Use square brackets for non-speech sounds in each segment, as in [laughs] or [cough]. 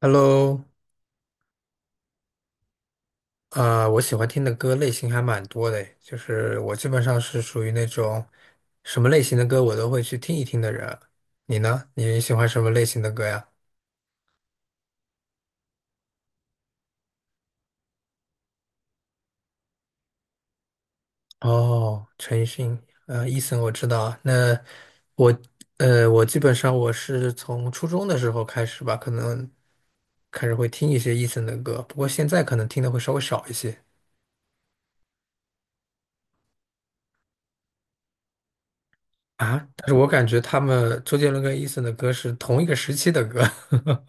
Hello。我喜欢听的歌类型还蛮多的诶，就是我基本上是属于那种什么类型的歌我都会去听一听的人。你呢？你喜欢什么类型的歌呀？哦，陈奕迅，Eason 我知道。那我，我基本上我是从初中的时候开始吧，可能开始会听一些 Eason 的歌，不过现在可能听的会稍微少一些啊。但是我感觉他们周杰伦跟 Eason 的歌是同一个时期的歌。[laughs]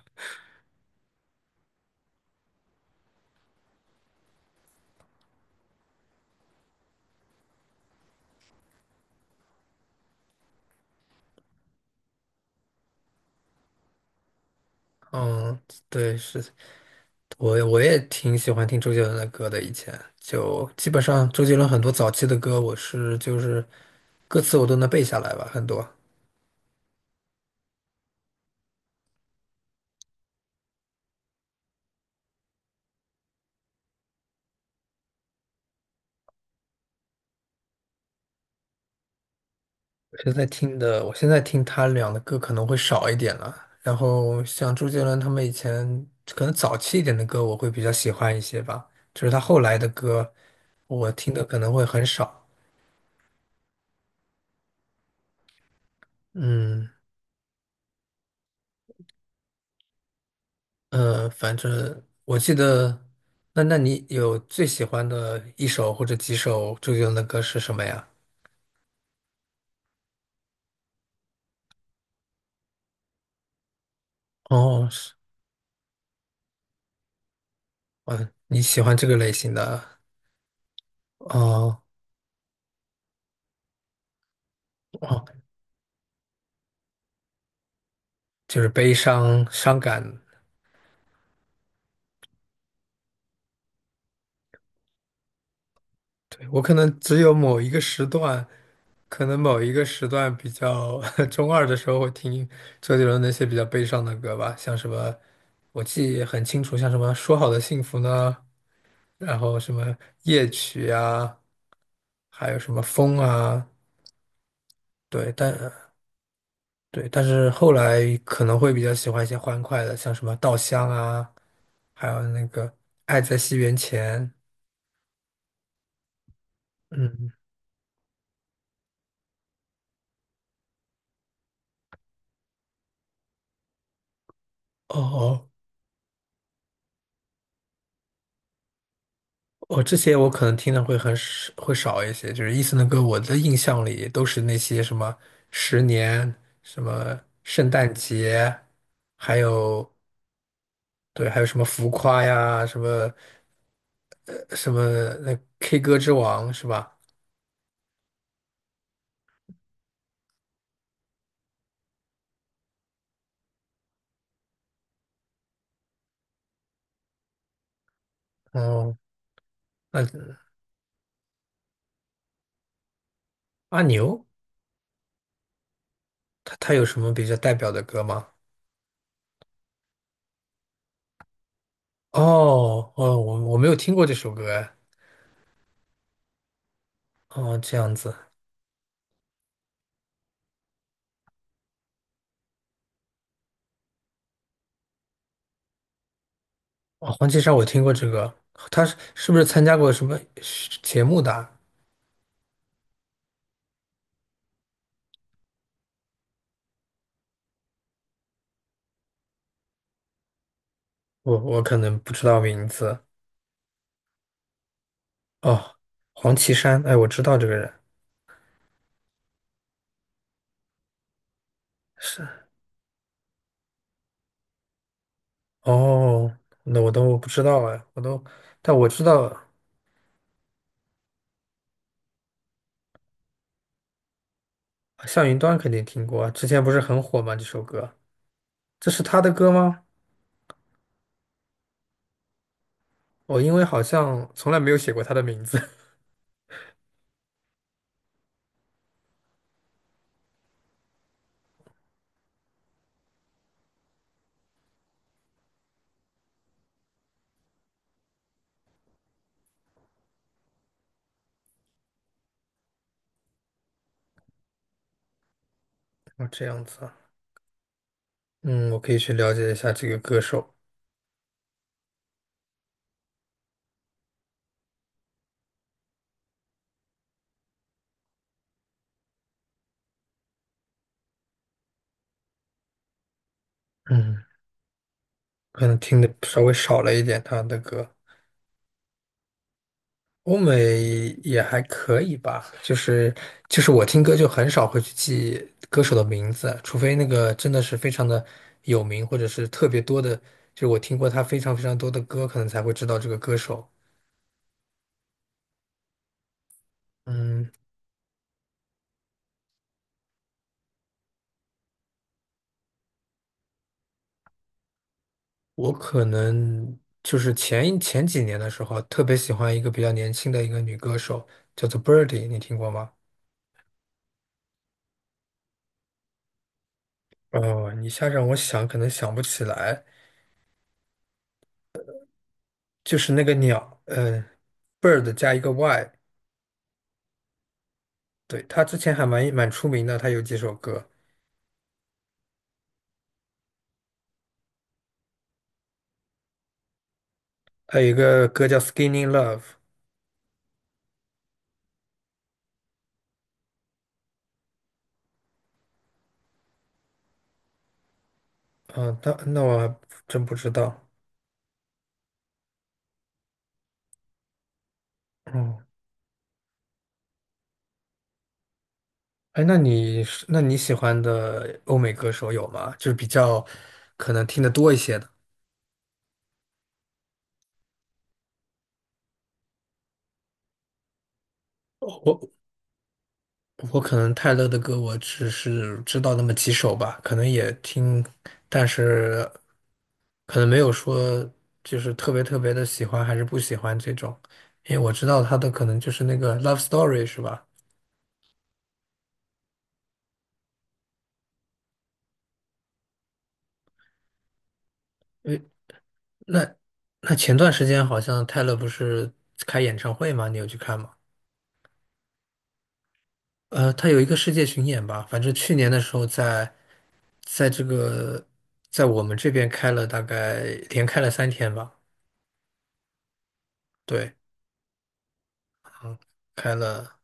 嗯，对，是。我也挺喜欢听周杰伦的歌的，以前就基本上周杰伦很多早期的歌，我是就是歌词我都能背下来吧，很多。现在听的，我现在听他俩的歌可能会少一点了。然后像周杰伦他们以前可能早期一点的歌，我会比较喜欢一些吧。就是他后来的歌，我听的可能会很少。嗯。反正我记得，那你有最喜欢的一首或者几首周杰伦的歌是什么呀？哦，是。嗯，你喜欢这个类型的。哦哦，就是悲伤、伤感。对，我可能只有某一个时段，可能某一个时段比较 [laughs] 中二的时候会听周杰伦那些比较悲伤的歌吧，像什么，我记得很清楚，像什么《说好的幸福》呢，然后什么夜曲啊，还有什么风啊。对，但对，但是后来可能会比较喜欢一些欢快的，像什么《稻香》啊，还有那个《爱在西元前》。嗯。哦哦。哦，这些我可能听的会很少，会少一些。就是伊森的歌，我的印象里都是那些什么《十年》、什么《圣诞节》，还有对，还有什么《浮夸》呀，什么什么那 K 歌之王是吧？哦，那阿牛他有什么比较代表的歌吗？哦哦，我没有听过这首歌哎。哦，这样子。哦，黄绮珊我听过这个，她是是不是参加过什么节目的啊？我可能不知道名字。哦，黄绮珊，哎，我知道这个人。是。哦，那我都不知道哎，我都，但我知道向云端肯定听过啊，之前不是很火吗？这首歌，这是他的歌吗？我因为好像从来没有写过他的名字。[laughs] 哦，这样子啊。嗯，我可以去了解一下这个歌手。嗯。可能听的稍微少了一点他的歌。欧美也还可以吧，就是就是我听歌就很少会去记歌手的名字，除非那个真的是非常的有名，或者是特别多的，就是我听过他非常非常多的歌，可能才会知道这个歌手。嗯，我可能就是前几年的时候，特别喜欢一个比较年轻的一个女歌手，叫做 Birdy,你听过吗？哦，一下让我想，可能想不起来。就是那个鸟，嗯，bird 加一个 y,对，他之前蛮出名的，他有几首歌，还有一个歌叫《Skinny Love》。嗯，那我还真不知道。嗯，哎，那你是那你喜欢的欧美歌手有吗？就是比较可能听得多一些的。我我可能泰勒的歌我只是知道那么几首吧，可能也听，但是可能没有说就是特别特别的喜欢还是不喜欢这种，因为我知道他的可能就是那个《Love Story》是吧？那那前段时间好像泰勒不是开演唱会吗？你有去看吗？他有一个世界巡演吧，反正去年的时候在在这个在我们这边开了大概连开了三天吧，对。嗯，开了。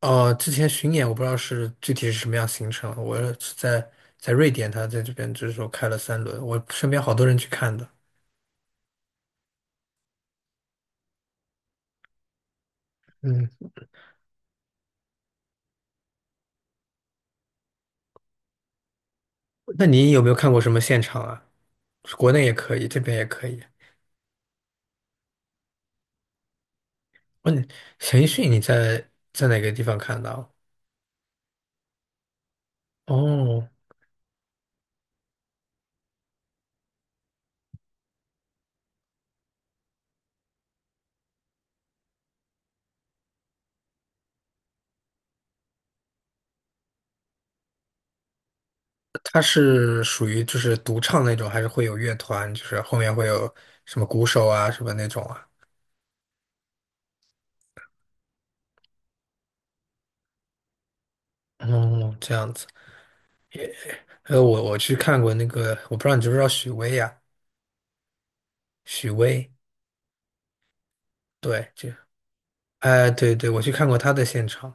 哦，之前巡演我不知道是具体是什么样行程，我是在在瑞典，他在这边就是说开了三轮，我身边好多人去看的。嗯，那你有没有看过什么现场啊？国内也可以，这边也可以。问你陈奕迅你在在哪个地方看到？哦，他是属于就是独唱那种，还是会有乐团，就是后面会有什么鼓手啊什么那种啊？哦，这样子。还有我去看过那个，我不知道你知不知道许巍呀、许巍，对，哎，对对，我去看过他的现场，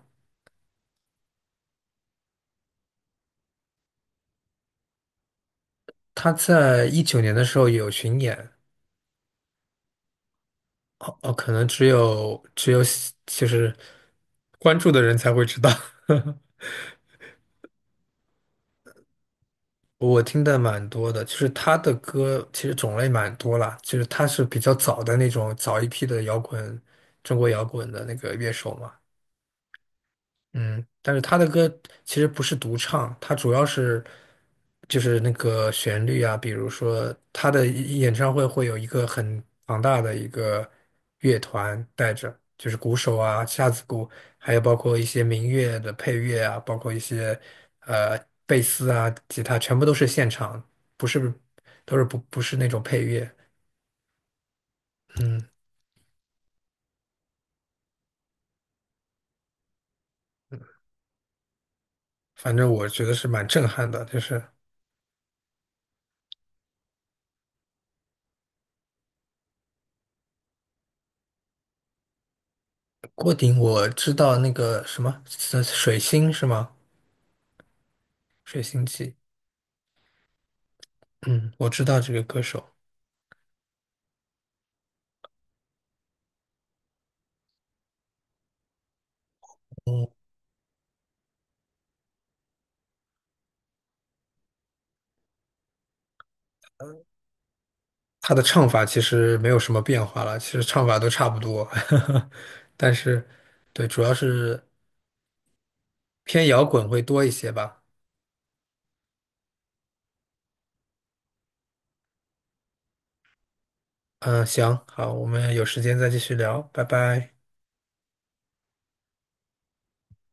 他在一九年的时候有巡演，哦哦，可能只有喜就是关注的人才会知道。[laughs] 我听的蛮多的，就是他的歌其实种类蛮多啦，就是他是比较早的那种早一批的摇滚，中国摇滚的那个乐手嘛。嗯，但是他的歌其实不是独唱，他主要是就是那个旋律啊，比如说他的演唱会会有一个很庞大的一个乐团带着，就是鼓手啊、架子鼓，还有包括一些民乐的配乐啊，包括一些呃贝斯啊、吉他，全部都是现场，不是都是不是那种配乐。嗯，反正我觉得是蛮震撼的，就是郭顶，我知道那个什么水星是吗？水星记，嗯，我知道这个歌手，他的唱法其实没有什么变化了，其实唱法都差不多，[laughs] 但是，对，主要是偏摇滚会多一些吧。嗯，行，好，我们有时间再继续聊，拜拜。